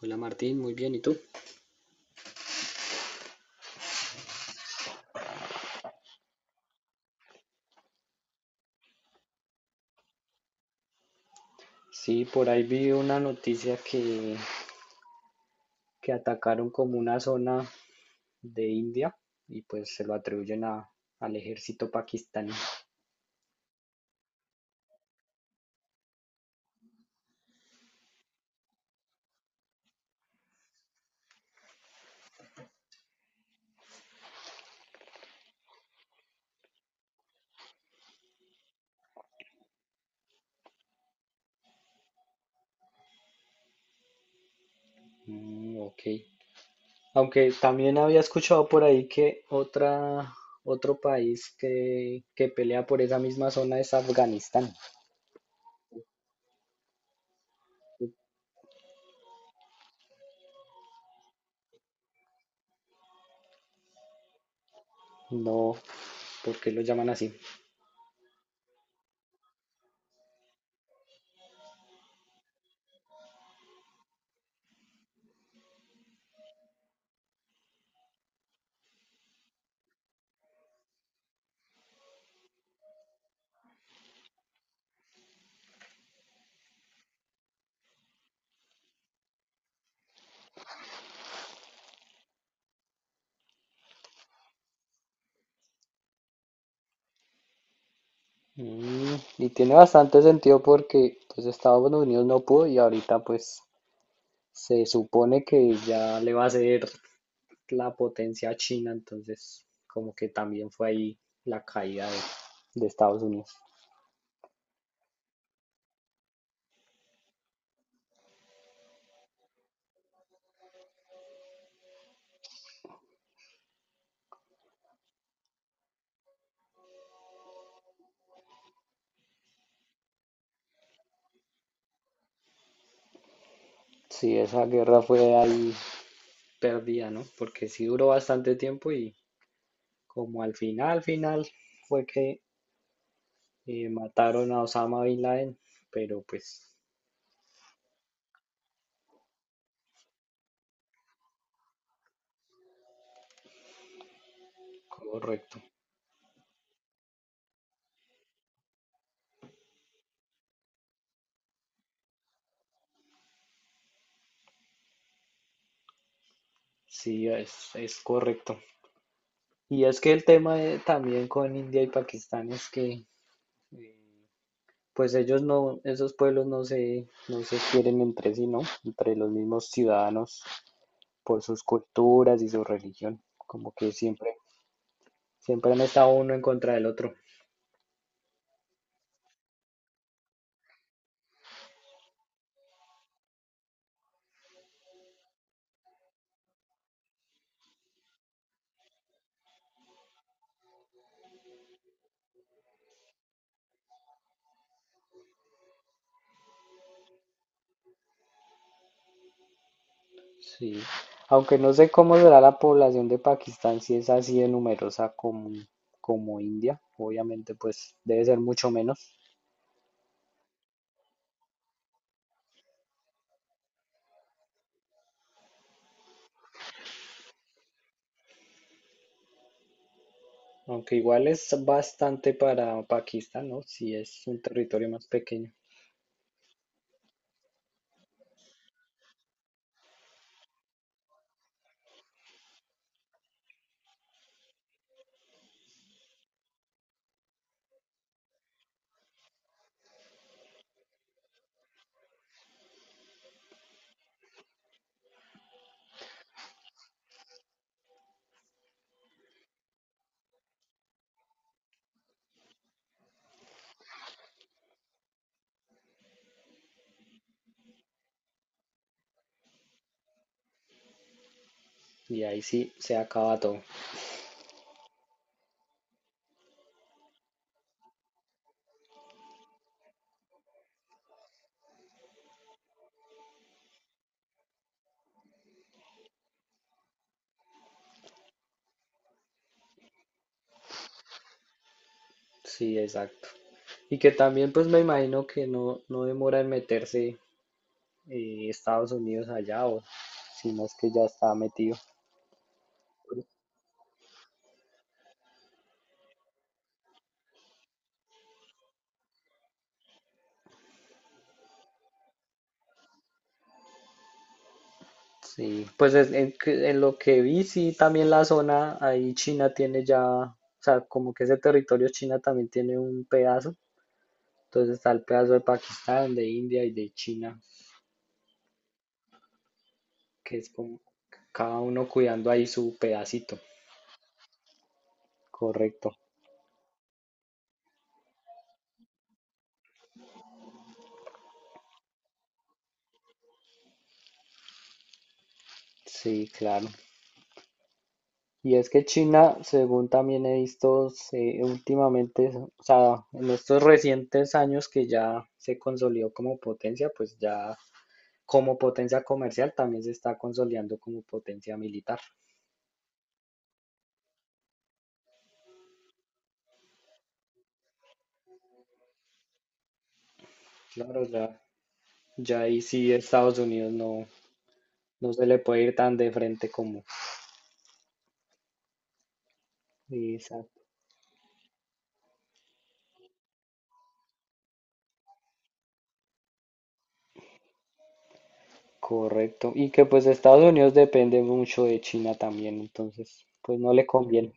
Hola Martín, muy bien, ¿y tú? Sí, por ahí vi una noticia que atacaron como una zona de India y pues se lo atribuyen al ejército pakistaní. Mm, ok. Aunque también había escuchado por ahí que otro país que pelea por esa misma zona es Afganistán. No, ¿por qué lo llaman así? Mm, y tiene bastante sentido porque pues Estados Unidos no pudo y ahorita pues se supone que ya le va a ser la potencia a China, entonces como que también fue ahí la caída de Estados Unidos. Sí, esa guerra fue ahí perdida, ¿no? Porque sí duró bastante tiempo y como al final fue que mataron a Osama Bin Laden, pero pues correcto, sí, es correcto. Y es que el también con India y Pakistán es que eh, pues ellos no, esos pueblos no se quieren entre sí, ¿no? Entre los mismos ciudadanos por sus culturas y su religión. Como que siempre han estado uno en contra del otro. Sí. Aunque no sé cómo será la población de Pakistán, si es así de numerosa como India, obviamente pues debe ser mucho menos. Aunque igual es bastante para Pakistán, ¿no? Si es un territorio más pequeño. Y ahí sí se acaba todo. Sí, exacto. Y que también pues me imagino que no demora en meterse Estados Unidos allá o si no es que ya está metido. Sí, pues en lo que vi, sí, también la zona, ahí China tiene ya, o sea, como que ese territorio China también tiene un pedazo, entonces está el pedazo de Pakistán, de India y de China, que es como cada uno cuidando ahí su pedacito, correcto. Sí, claro. Y es que China, según también he últimamente, o sea, en estos recientes años que ya se consolidó como potencia, pues ya como potencia comercial también se está consolidando como potencia militar. Claro, ya ahí sí Estados Unidos no, no se le puede ir tan de frente como... Exacto, correcto. Y que pues Estados Unidos depende mucho de China también, entonces pues no le conviene.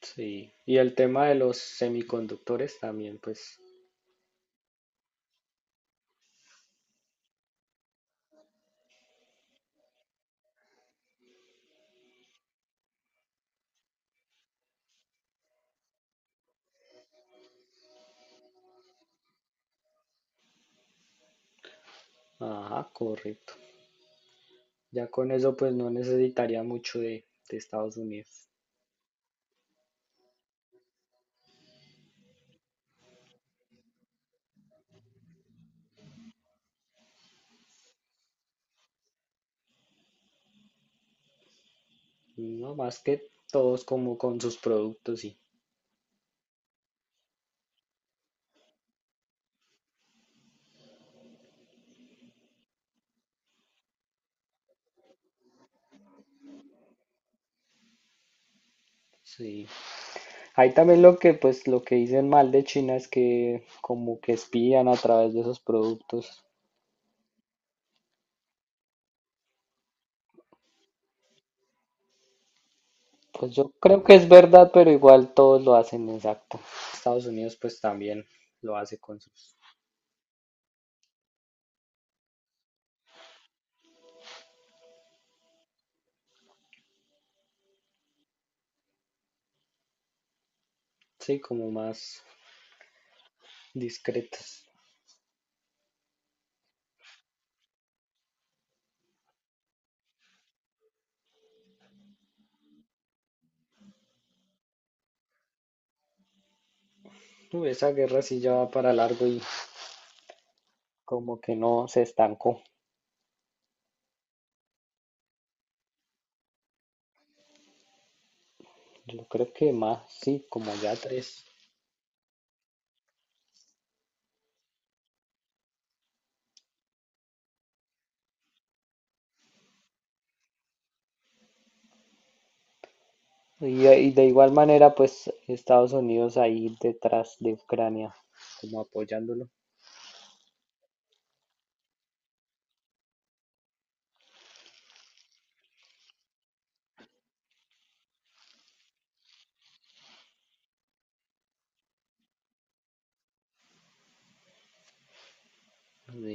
Sí, y el tema de los semiconductores también, pues ajá, correcto. Ya con eso pues no necesitaría mucho de Estados Unidos. No más que todos como con sus productos, sí. Sí. Ahí también lo que pues lo que dicen mal de China es que como que espían a través de esos productos. Pues yo creo que es verdad, pero igual todos lo hacen, exacto. Estados Unidos pues también lo hace con sus, sí, como más discretos. Uy, esa guerra sí ya va para largo y como que no se estancó. Yo creo que más, sí, como ya tres. Y, y de igual manera, pues Estados Unidos ahí detrás de Ucrania, como apoyándolo.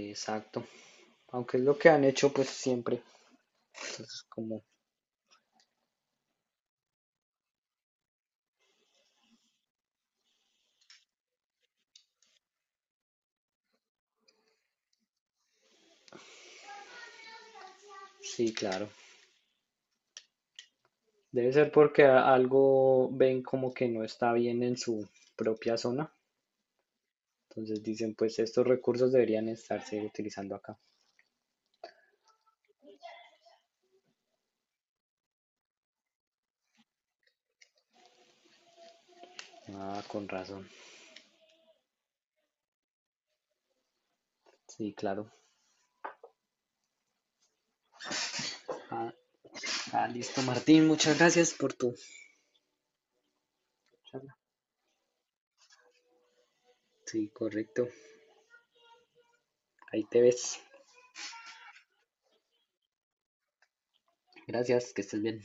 Exacto. Aunque es lo que han hecho pues siempre. Entonces, como, sí, claro. Debe ser porque algo ven como que no está bien en su propia zona. Entonces dicen, pues estos recursos deberían estarse utilizando acá. Ah, con razón. Sí, claro. Ah, ah, listo, Martín. Muchas gracias por tu charla. Sí, correcto. Ahí te ves. Gracias, que estés bien.